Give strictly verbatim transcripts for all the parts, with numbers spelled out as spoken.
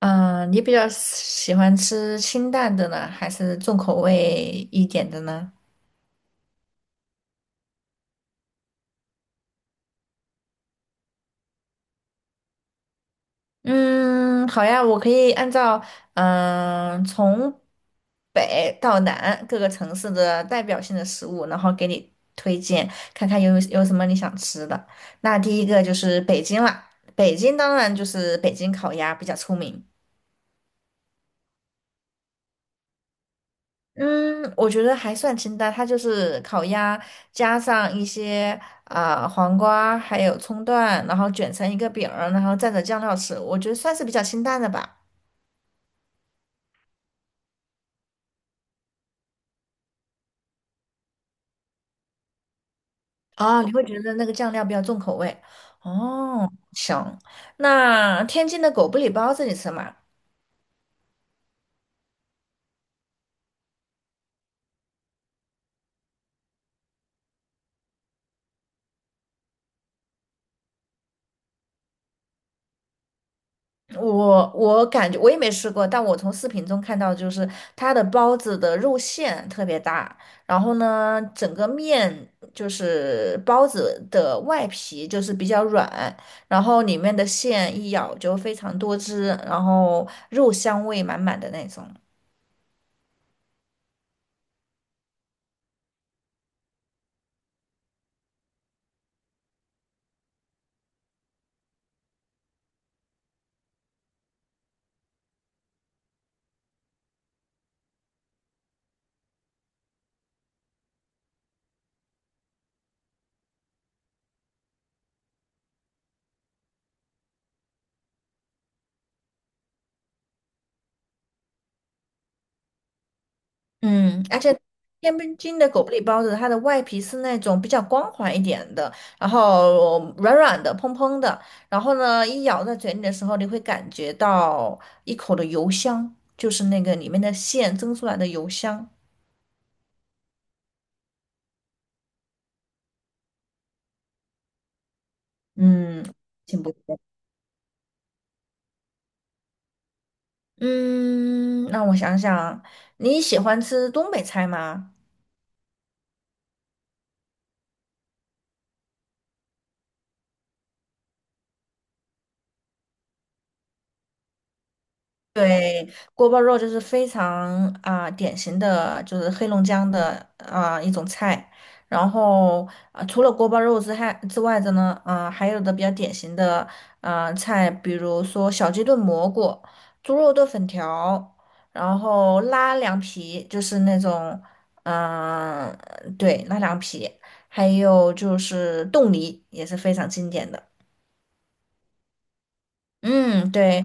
嗯、呃你比较喜欢吃清淡的呢，还是重口味一点的呢？嗯，好呀，我可以按照嗯、呃从北到南各个城市的代表性的食物，然后给你推荐，看看有有什么你想吃的。那第一个就是北京啦，北京当然就是北京烤鸭比较出名。嗯，我觉得还算清淡，它就是烤鸭加上一些啊、黄瓜，还有葱段，然后卷成一个饼儿，然后蘸着酱料吃，我觉得算是比较清淡的吧。啊，你会觉得那个酱料比较重口味。哦，行，那天津的狗不理包子你吃吗？我我感觉我也没吃过，但我从视频中看到，就是它的包子的肉馅特别大，然后呢，整个面就是包子的外皮就是比较软，然后里面的馅一咬就非常多汁，然后肉香味满满的那种。嗯，而且天津的狗不理包子，它的外皮是那种比较光滑一点的，然后软软的、蓬蓬的，然后呢，一咬在嘴里的时候，你会感觉到一口的油香，就是那个里面的馅蒸出来的油香，嗯，挺不错。嗯，让我想想，你喜欢吃东北菜吗？对，锅包肉就是非常啊、典型的，就是黑龙江的啊、一种菜。然后啊、除了锅包肉之外之外的呢，啊、还有的比较典型的啊、菜，比如说小鸡炖蘑菇、猪肉炖粉条，然后拉凉皮，就是那种嗯、对，拉凉皮，还有就是冻梨也是非常经典的。嗯，对。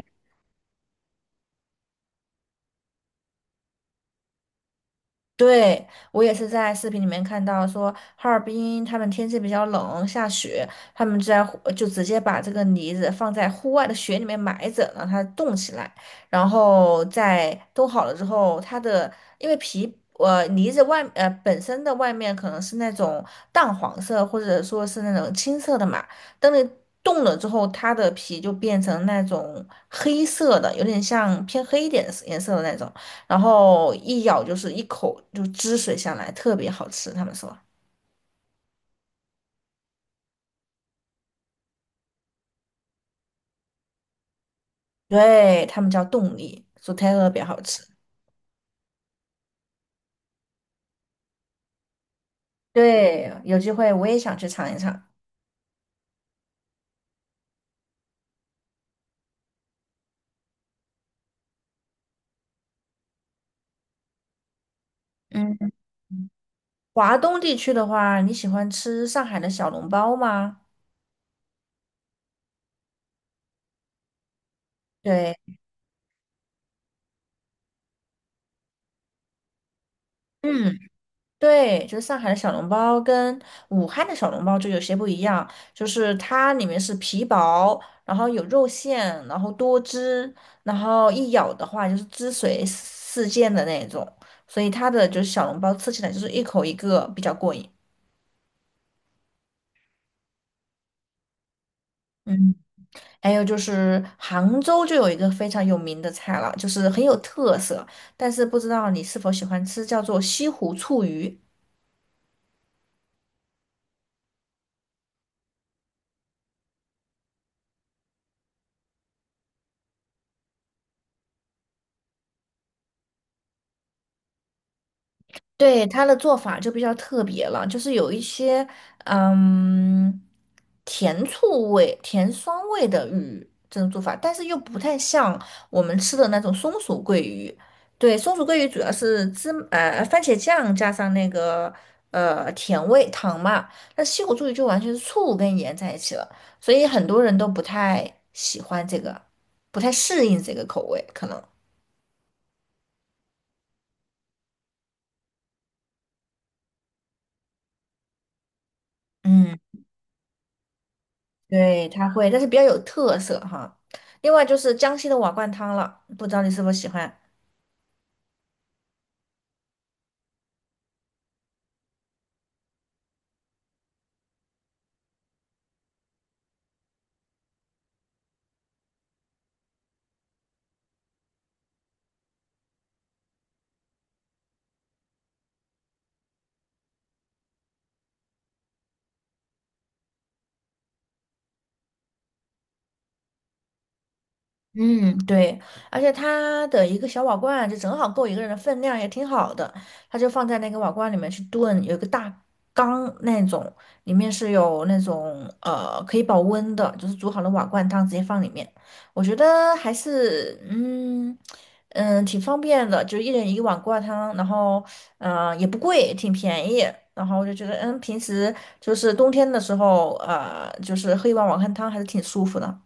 对，我也是在视频里面看到说，哈尔滨他们天气比较冷，下雪，他们在户就直接把这个梨子放在户外的雪里面埋着，让它冻起来，然后在冻好了之后，它的因为皮呃梨子外呃本身的外面可能是那种淡黄色或者说是那种青色的嘛，等你冻了之后，它的皮就变成那种黑色的，有点像偏黑一点的颜色的那种。然后一咬就是一口就汁水下来，特别好吃。他们说，对，他们叫冻梨，说特别好吃。对，有机会我也想去尝一尝。嗯，华东地区的话，你喜欢吃上海的小笼包吗？对，嗯，对，就是上海的小笼包跟武汉的小笼包就有些不一样，就是它里面是皮薄，然后有肉馅，然后多汁，然后一咬的话就是汁水四溅的那种，所以它的就是小笼包吃起来就是一口一个比较过瘾。还有就是杭州就有一个非常有名的菜了，就是很有特色，但是不知道你是否喜欢吃，叫做西湖醋鱼。对，它的做法就比较特别了，就是有一些嗯甜醋味、甜酸味的鱼这种做法，但是又不太像我们吃的那种松鼠桂鱼。对，松鼠桂鱼主要是芝呃番茄酱加上那个呃甜味糖嘛，那西湖醋鱼就完全是醋跟盐在一起了，所以很多人都不太喜欢这个，不太适应这个口味，可能。嗯。对，它会，但是比较有特色哈。另外就是江西的瓦罐汤了，不知道你是否喜欢？嗯，对，而且它的一个小瓦罐，就正好够一个人的分量，也挺好的。它就放在那个瓦罐里面去炖，有一个大缸那种，里面是有那种呃可以保温的，就是煮好的瓦罐汤直接放里面。我觉得还是嗯嗯挺方便的，就一人一个碗挂汤，然后嗯、呃也不贵，挺便宜。然后我就觉得嗯，平时就是冬天的时候，呃，就是喝一碗瓦罐汤还是挺舒服的。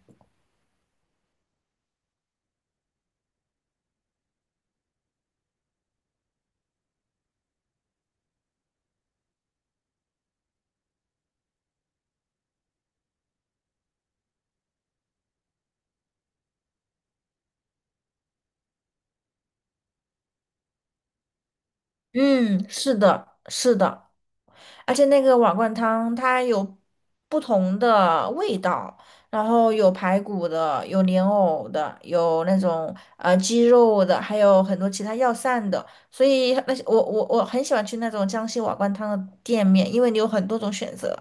嗯，是的，是的，而且那个瓦罐汤它有不同的味道，然后有排骨的，有莲藕的，有那种呃鸡肉的，还有很多其他药膳的，所以那些我我我很喜欢去那种江西瓦罐汤的店面，因为你有很多种选择。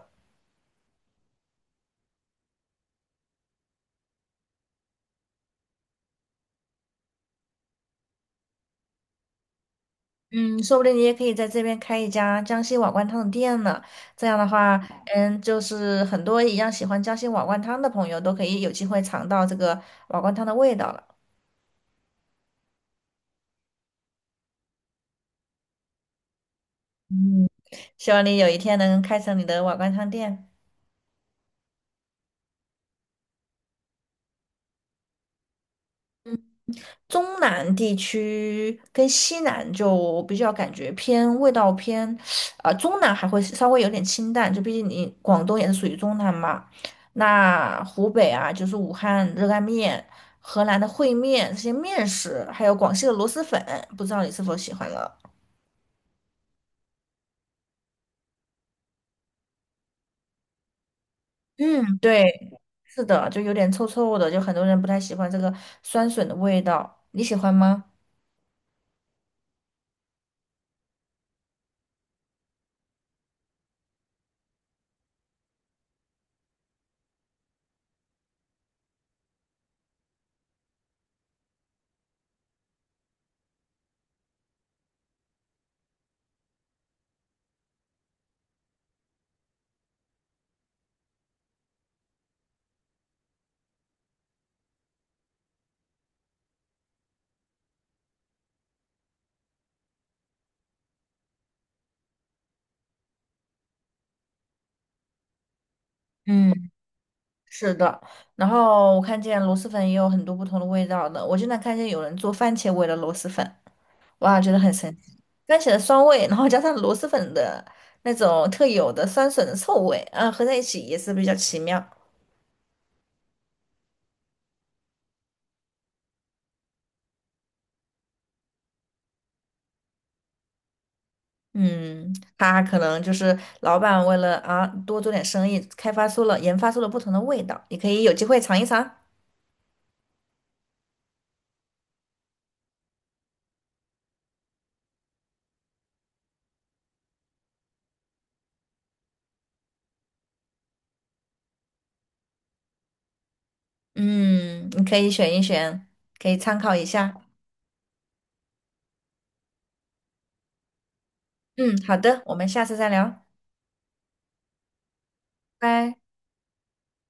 嗯，说不定你也可以在这边开一家江西瓦罐汤的店呢。这样的话，嗯，就是很多一样喜欢江西瓦罐汤的朋友都可以有机会尝到这个瓦罐汤的味道了。嗯，希望你有一天能开成你的瓦罐汤店。嗯，中南地区跟西南就比较感觉偏味道偏，啊，中南还会稍微有点清淡，就毕竟你广东也是属于中南嘛。那湖北啊，就是武汉热干面、河南的烩面这些面食，还有广西的螺蛳粉，不知道你是否喜欢了？嗯，对，是的，就有点臭臭的，就很多人不太喜欢这个酸笋的味道，你喜欢吗？嗯。是的，然后我看见螺蛳粉也有很多不同的味道的。我经常看见有人做番茄味的螺蛳粉，哇，觉得很神奇。番茄的酸味，然后加上螺蛳粉的那种特有的酸笋的臭味，啊，合在一起也是比较奇妙。嗯，他可能就是老板为了啊多做点生意，开发出了研发出了不同的味道，你可以有机会尝一尝。嗯，你可以选一选，可以参考一下。嗯，好的，我们下次再聊，拜。